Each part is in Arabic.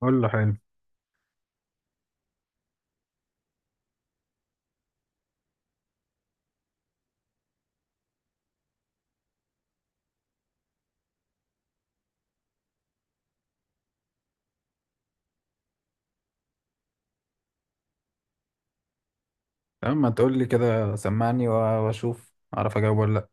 قول له حلو. تمام، ما تقول لي كده، سمعني واشوف اعرف اجاوب ولا لا.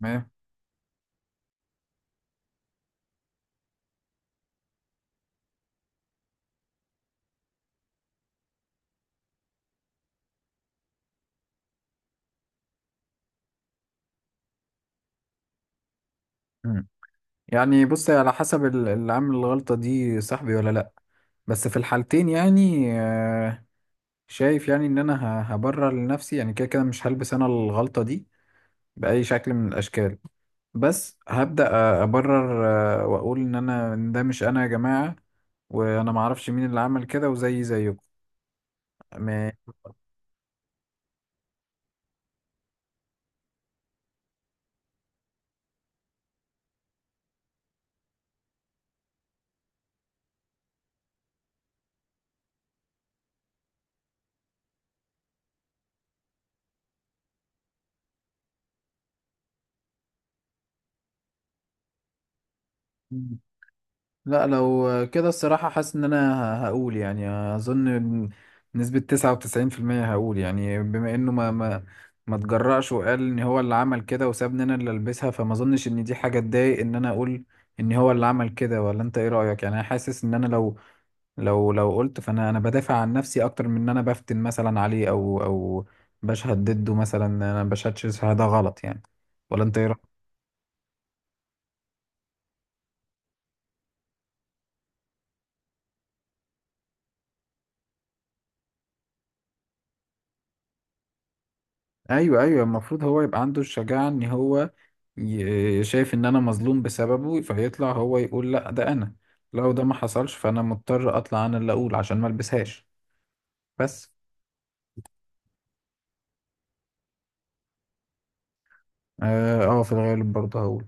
تمام. مم. يعني بص، على حسب اللي عامل الغلطة دي صاحبي ولا لا. بس في الحالتين يعني شايف يعني ان انا هبرر لنفسي، يعني كده كده مش هلبس انا الغلطة دي بأي شكل من الاشكال. بس هبدأ ابرر واقول ان انا إن ده مش انا يا جماعة، وانا معرفش مين اللي عمل كده وزي زيكم. ما- لا، لو كده الصراحة حاسس إن أنا هقول يعني أظن بنسبة 99%. هقول يعني بما إنه ما تجرأش وقال إن هو اللي عمل كده وسابني أنا اللي ألبسها، فما أظنش إن دي حاجة تضايق إن أنا أقول إن هو اللي عمل كده. ولا أنت إيه رأيك؟ يعني أنا حاسس إن أنا لو قلت، فأنا بدافع عن نفسي أكتر من إن أنا بفتن مثلا عليه، أو بشهد ضده، مثلا أنا بشهدش، ده غلط يعني. ولا أنت إيه؟ ايوه ايوه، المفروض هو يبقى عنده الشجاعة ان هو شايف ان انا مظلوم بسببه، فيطلع هو يقول لا ده انا. لو ده ما حصلش فانا مضطر اطلع انا اللي اقول عشان ما البسهاش، بس. في الغالب برضه هقول.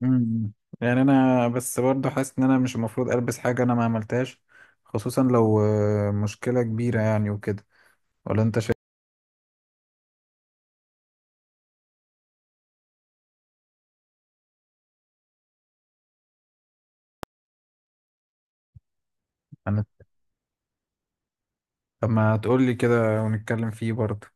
مم. يعني انا بس برضه حاسس ان انا مش المفروض البس حاجة انا ما عملتهاش، خصوصا لو مشكلة كبيرة يعني وكده. ولا انت شايف؟ انا طب ما تقول لي كده ونتكلم فيه برضه.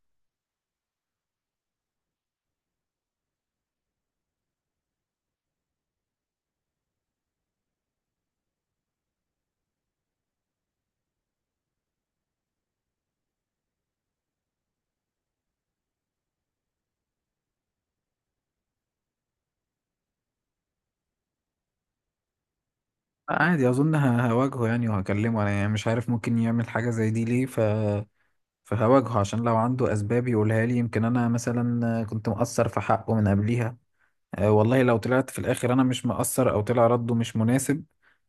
عادي، اظن هواجهه يعني وهكلمه، انا يعني مش عارف ممكن يعمل حاجه زي دي ليه، فهواجهه عشان لو عنده اسباب يقولها لي، يمكن انا مثلا كنت مقصر في حقه من قبليها. أه والله، لو طلعت في الاخر انا مش مقصر او طلع رده مش مناسب،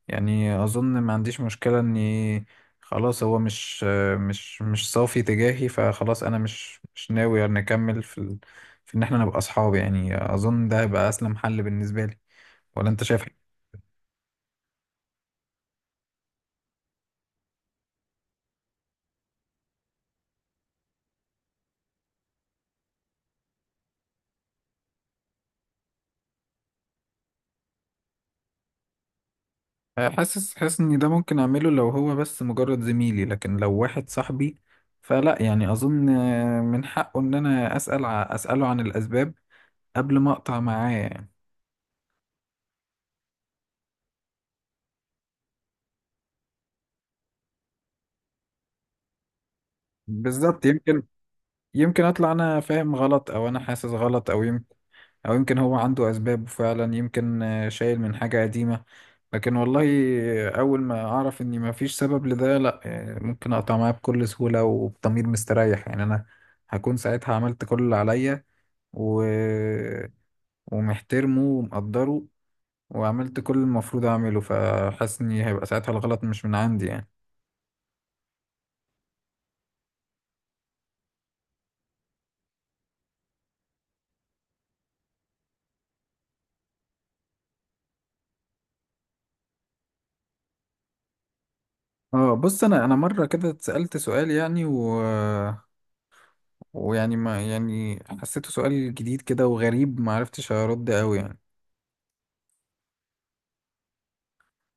يعني اظن ما عنديش مشكله اني خلاص، هو مش صافي تجاهي، فخلاص انا مش ناوي نكمل في في ان احنا نبقى اصحاب، يعني اظن ده هيبقى اسلم حل بالنسبه لي. ولا انت شايف؟ حاسس ان ده ممكن اعمله لو هو بس مجرد زميلي، لكن لو واحد صاحبي فلا، يعني اظن من حقه ان انا اسال اساله عن الاسباب قبل ما اقطع معاه يعني. بالظبط، يمكن اطلع انا فاهم غلط، او انا حاسس غلط، او يمكن هو عنده اسباب فعلا، يمكن شايل من حاجة قديمة. لكن والله، اول ما اعرف اني ما فيش سبب لده لا، ممكن اقطع معاه بكل سهولة وبضمير مستريح. يعني انا هكون ساعتها عملت كل اللي عليا و... ومحترمه ومقدره، وعملت كل المفروض اعمله، فحاسس ان هيبقى ساعتها الغلط مش من عندي يعني. اه بص، انا مره كده اتسالت سؤال يعني ويعني ما يعني حسيته سؤال جديد كده وغريب، ما عرفتش ارد قوي يعني.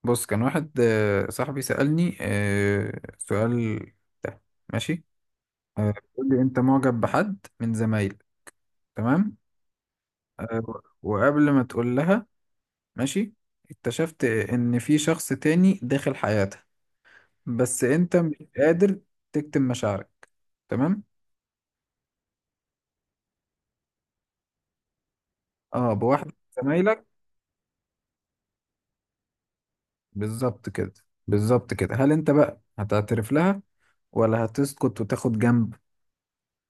بص، كان واحد صاحبي سالني سؤال، ده، ماشي. بيقول لي: انت معجب بحد من زمايلك، تمام. آه، وقبل ما تقول لها، ماشي، اكتشفت ان في شخص تاني داخل حياتها، بس انت مش قادر تكتم مشاعرك. تمام. اه، بواحد من زمايلك. بالظبط كده. بالظبط كده، هل انت بقى هتعترف لها ولا هتسكت وتاخد جنب؟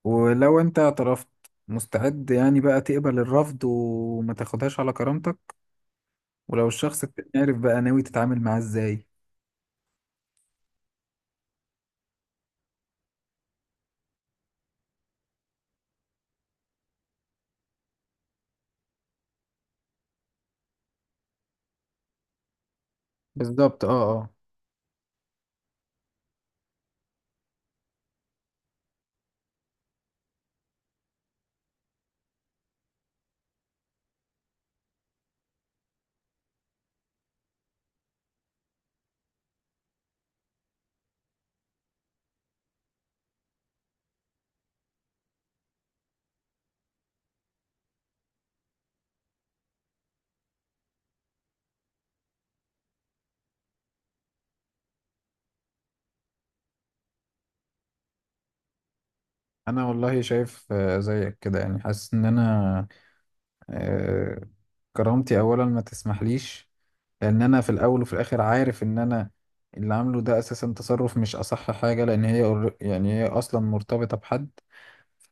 ولو انت اعترفت، مستعد يعني بقى تقبل الرفض وما تاخدهاش على كرامتك؟ ولو الشخص التاني عارف، بقى ناوي تتعامل معاه ازاي؟ بالظبط، اه اه. انا والله شايف زيك كده، يعني حاسس ان انا آه، كرامتي اولا ما تسمحليش، لان انا في الاول وفي الاخر عارف ان انا اللي عامله ده اساسا تصرف مش اصح حاجه، لان هي يعني هي اصلا مرتبطه بحد،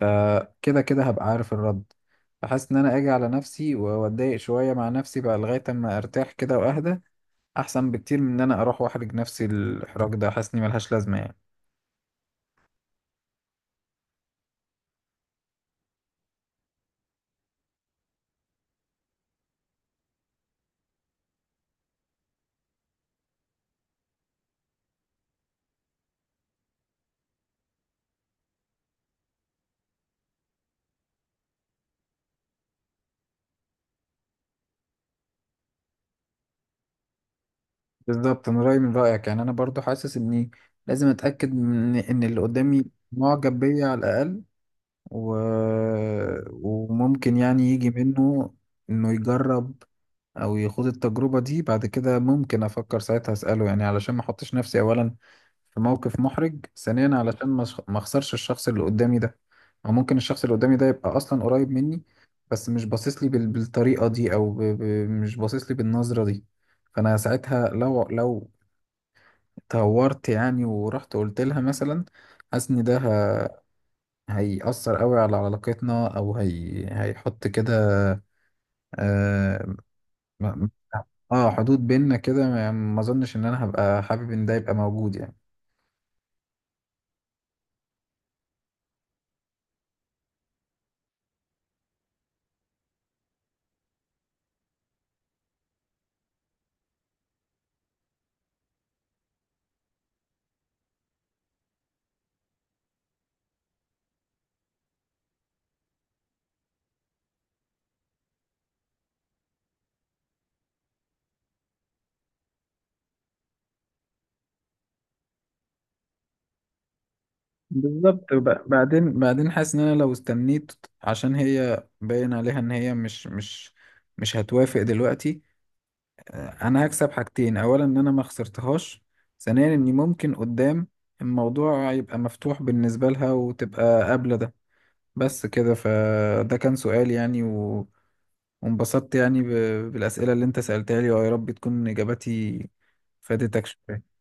فكده كده هبقى عارف الرد. فحاسس ان انا اجي على نفسي واتضايق شويه مع نفسي بقى لغايه اما ارتاح كده واهدى، احسن بكتير من ان انا اروح واحرج نفسي. الاحراج ده حاسس اني ملهاش لازمه يعني. بالظبط، انا رايي من رايك، يعني انا برضو حاسس اني لازم اتاكد من ان اللي قدامي معجب بيا على الاقل و... وممكن يعني يجي منه انه يجرب او يخوض التجربة دي، بعد كده ممكن افكر ساعتها اسأله، يعني علشان ما احطش نفسي اولا في موقف محرج، ثانيا علشان ما اخسرش الشخص اللي قدامي ده. او ممكن الشخص اللي قدامي ده يبقى اصلا قريب مني، بس مش باصص لي بالطريقة دي، او مش باصص لي بالنظرة دي، فانا ساعتها لو تهورت يعني ورحت قلت لها مثلا، حاسس ان ده هيأثر قوي على علاقتنا، او هي هيحط كده اه م- حدود بيننا كده، ما اظنش ان انا هبقى حابب ان ده يبقى موجود يعني. بالظبط، بعدين حاسس ان انا لو استنيت، عشان هي باين عليها ان هي مش هتوافق دلوقتي، انا هكسب حاجتين: اولا ان انا ما خسرتهاش، ثانيا اني ممكن قدام الموضوع يبقى مفتوح بالنسبة لها وتبقى قابلة ده. بس كده، فده كان سؤال يعني، وانبسطت يعني بالأسئلة اللي انت سألتها لي، ويا رب تكون إجاباتي فادتك شوية.